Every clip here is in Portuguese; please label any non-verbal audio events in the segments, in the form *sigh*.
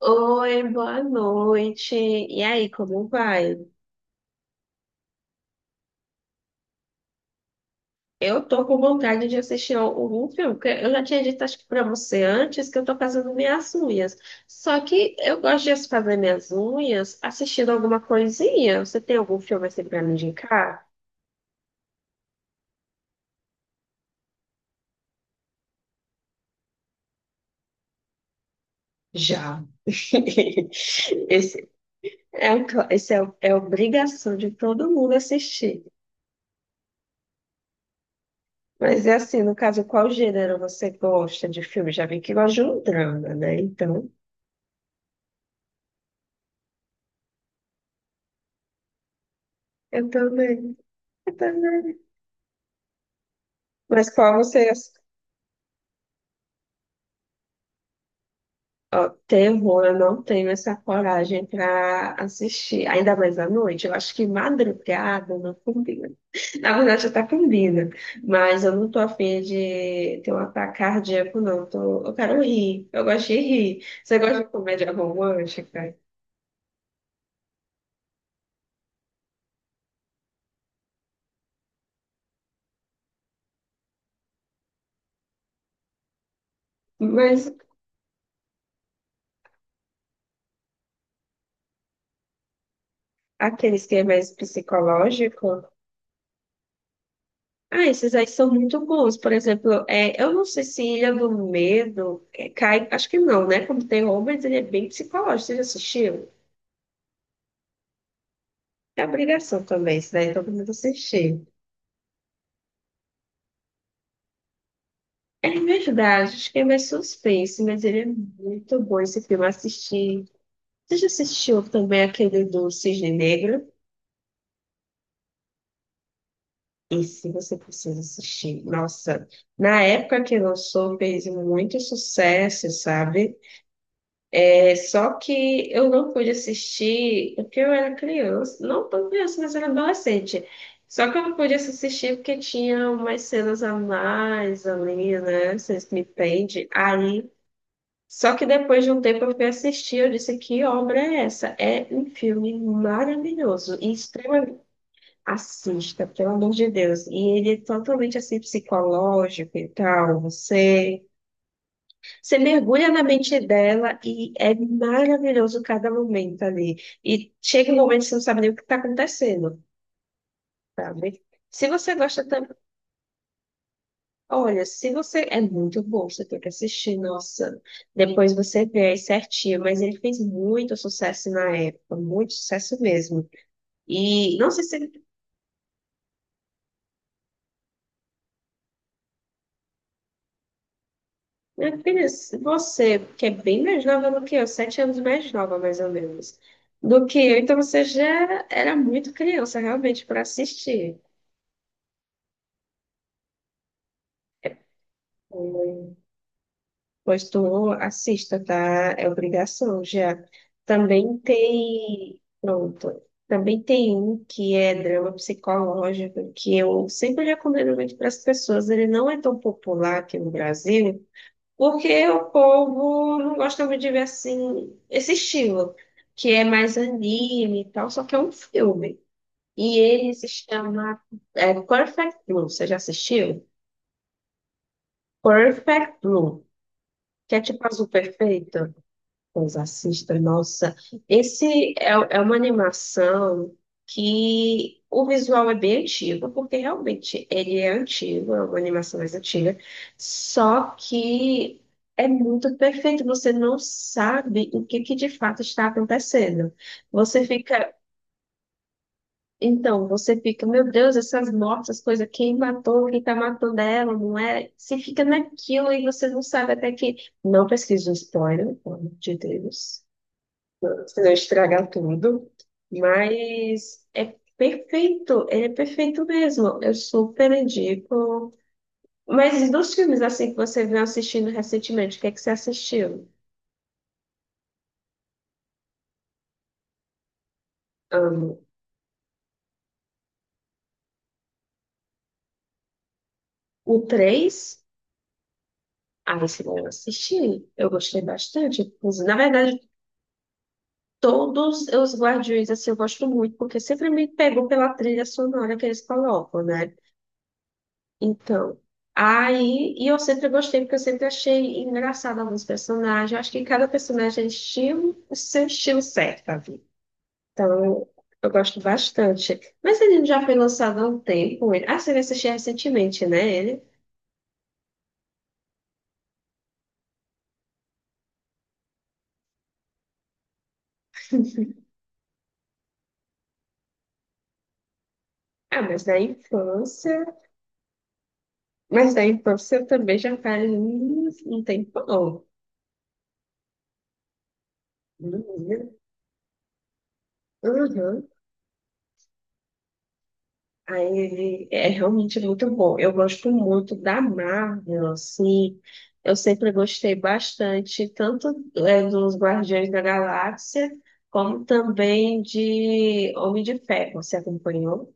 Oi, boa noite. E aí, como vai? Eu tô com vontade de assistir algum filme, porque eu já tinha dito, acho que pra você antes, que eu tô fazendo minhas unhas. Só que eu gosto de fazer minhas unhas assistindo alguma coisinha. Você tem algum filme assim pra me indicar? Já. *laughs* Esse é, um cla- esse é, o- é obrigação de todo mundo assistir. Mas é assim, no caso, qual gênero você gosta de filme? Já vi que gosta de um drama, né? Então, eu também. Mas qual você. Ó, terror, eu não tenho essa coragem para assistir. Ainda mais à noite. Eu acho que madrugada não combina. Na verdade, até combina. Mas eu não tô afim de ter um ataque cardíaco, não. Tô... Eu quero rir. Eu gosto de rir. Você gosta de comédia romântica? Mas aqueles que é mais psicológico. Ah, esses aí são muito bons. Por exemplo, é, eu não sei se Ilha do Medo é, cai, acho que não, né? Como tem, mas ele é bem psicológico. Você já assistiu? É obrigação também, isso daí todo mundo assistir. É verdade, acho que é mais suspense, mas ele é muito bom esse filme assistir. Você já assistiu também aquele do Cisne Negro? Esse você precisa assistir. Nossa, na época que lançou, fez muito sucesso, sabe? É só que eu não pude assistir porque eu era criança, não tão criança, mas era adolescente. Só que eu não pude assistir porque tinha umas cenas a mais ali, né? Vocês me entendem. Aí, só que depois de um tempo eu fui assistir, eu disse, que obra é essa? É um filme maravilhoso e extremamente... Assista, pelo amor de Deus. E ele é totalmente, assim, psicológico e tal, você... Você mergulha na mente dela e é maravilhoso cada momento ali. E chega um momento que você não sabe nem o que está acontecendo, sabe? Se você gosta também. Olha, se você. É muito bom, você tem que assistir, nossa. Depois você vê aí certinho. Mas ele fez muito sucesso na época, muito sucesso mesmo. E não sei se. Minha filha, se você, que é bem mais nova do que eu, sete anos mais nova, mais ou menos, do que eu, então você já era muito criança, realmente, para assistir. Oi. Pois tu assista, tá? É obrigação já. Também tem. Pronto. Também tem um que é drama psicológico, que eu sempre recomendo muito para as pessoas. Ele não é tão popular aqui no Brasil, porque o povo não gosta muito de ver assim, esse estilo, que é mais anime e tal, só que é um filme. E ele se chama é, Perfect Blue. Você já assistiu? Perfect Blue, que é tipo azul perfeito. Pois assista, nossa. Esse é, é uma animação que o visual é bem antigo, porque realmente ele é antigo, é uma animação mais antiga, só que é muito perfeito, você não sabe o que, que de fato está acontecendo. Você fica, então, você fica, meu Deus, essas mortes, essas coisas, quem matou, quem está matando ela, não é? Você fica naquilo e você não sabe até que. Não pesquisa o spoiler, pelo amor de Deus, se não estragar tudo. Mas é perfeito, ele é perfeito mesmo. Eu super indico. Mas dos filmes assim que você veio assistindo recentemente, o que é que você assistiu? Ah, o três, ah, esse eu assisti. Eu gostei bastante. Inclusive. Na verdade, todos os Guardiões assim, eu gosto muito, porque sempre me pegou pela trilha sonora que eles colocam, né? Então, aí, e eu sempre gostei, porque eu sempre achei engraçado alguns personagens. Eu acho que cada personagem é estilo, o seu estilo certo, ali. Então, eu gosto bastante. Mas ele já foi lançado há um tempo. Ele, ah, você assistiu recentemente, né? Ele. Ah, mas da infância. Mas da infância eu também já faz um tempão. Menina. Uhum. Aí ele é realmente muito bom. Eu gosto muito da Marvel, assim. Eu sempre gostei bastante, tanto é, dos Guardiões da Galáxia, como também de Homem de Ferro. Você acompanhou?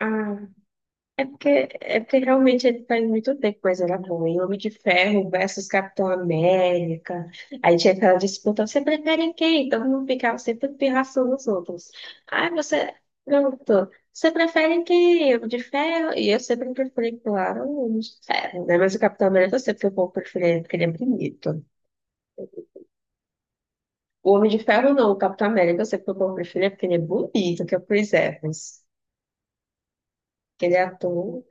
Ah, É porque, é porque realmente ele faz muito tempo que coisa era boa. E Homem de Ferro versus Capitão América. Aí tinha aquela disputa, você prefere quem? Todo mundo ficava sempre pirraçando os outros. Ai, você perguntou, você prefere quem? Homem de Ferro? E eu sempre preferi, claro, o Homem de Ferro, né? Mas o Capitão América eu sempre fui o povo preferido porque ele é bonito. O Homem de Ferro não, o Capitão América eu sempre fui o povo preferido porque ele é bonito, que é o Chris Evans. Que ele é ator.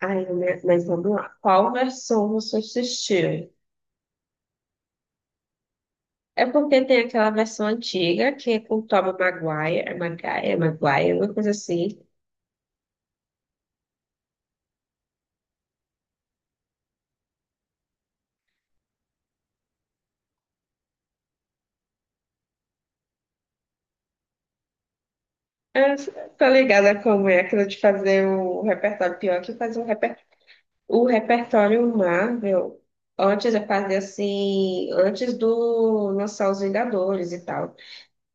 Ai, mas vamos lá. Qual versão você assistiu? É porque tem aquela versão antiga, que é com o Tobey Maguire, é Maguire, é Maguire, uma coisa assim. É, tá ligada como é aquilo de fazer o repertório, pior que fazer o repertório Marvel. Antes eu fazia assim, antes do lançar os Vingadores e tal.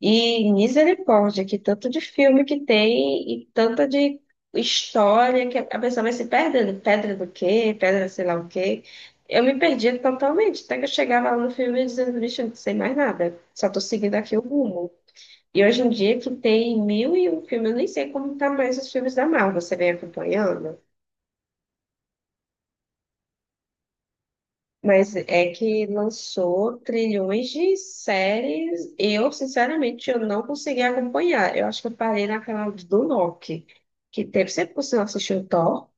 E misericórdia, que tanto de filme que tem e tanta de história que a pessoa vai se perdendo. Pedra do quê? Pedra sei lá o quê. Eu me perdia totalmente, até que eu chegava lá no filme dizendo, bicho, eu não sei mais nada, só tô seguindo aqui o rumo. E hoje em dia que tem mil e um filme, eu nem sei como tá mais os filmes da Marvel, você vem acompanhando? Mas é que lançou trilhões de séries. Eu, sinceramente, eu não consegui acompanhar. Eu acho que eu parei naquela do Loki, que teve sempre que você não assistiu o Thor.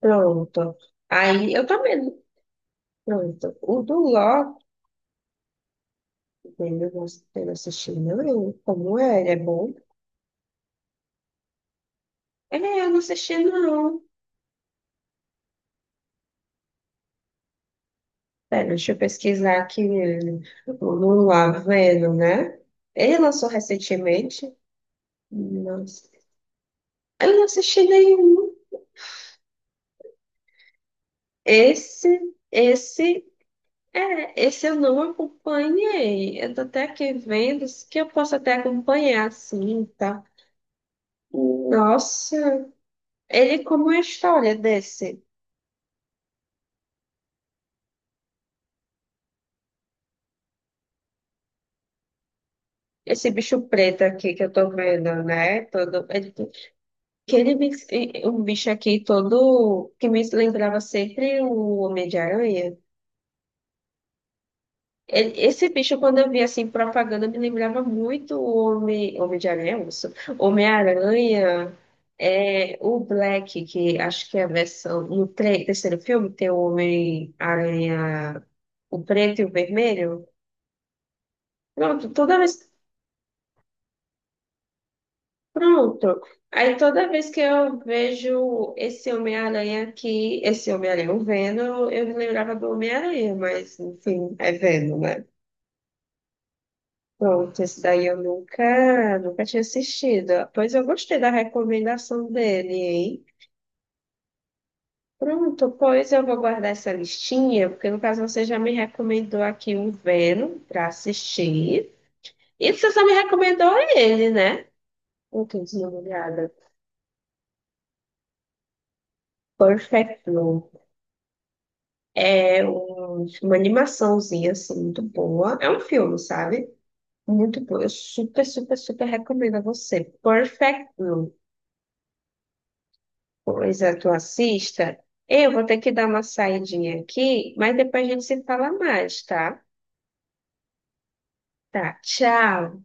Pronto. Aí eu também. Pronto. O do Loki, dele, eu não assisti, não. Como é? Ele é bom? Ele é, eu não assisti, não. Pera, deixa eu pesquisar aqui. Não lá vendo, né? Ele lançou recentemente. Nossa. Eu não assisti nenhum. Esse, esse, esse eu não acompanhei. Eu tô até aqui vendo isso que eu posso até acompanhar, assim, tá? Nossa, ele, como é a história desse, esse bicho preto aqui que eu tô vendo, né? Todo, ele, que ele me- um bicho aqui todo que me lembrava sempre o Homem de Aranha. Esse bicho, quando eu via assim, propaganda, me lembrava muito o Homem de Aranha, isso. Homem-Aranha, é, o Black, que acho que é a versão. No terceiro filme tem o Homem-Aranha, o preto e o vermelho. Pronto, toda vez. Pronto. Aí toda vez que eu vejo esse Homem-Aranha aqui, esse Homem-Aranha, o Venom, eu me lembrava do Homem-Aranha, mas enfim, é Venom, né? Pronto, esse daí eu nunca, nunca tinha assistido. Pois eu gostei da recomendação dele, hein? Pronto, pois eu vou guardar essa listinha, porque no caso você já me recomendou aqui o Venom para assistir. E você só me recomendou ele, né? Eu tô desligada. Perfect Blue. É um- uma animaçãozinha, assim, muito boa. É um filme, sabe? Muito bom. Eu super, super, super recomendo a você. Perfect Blue. Pois coisa tu assista. Eu vou ter que dar uma saidinha aqui, mas depois a gente se fala mais, tá? Tá, tchau.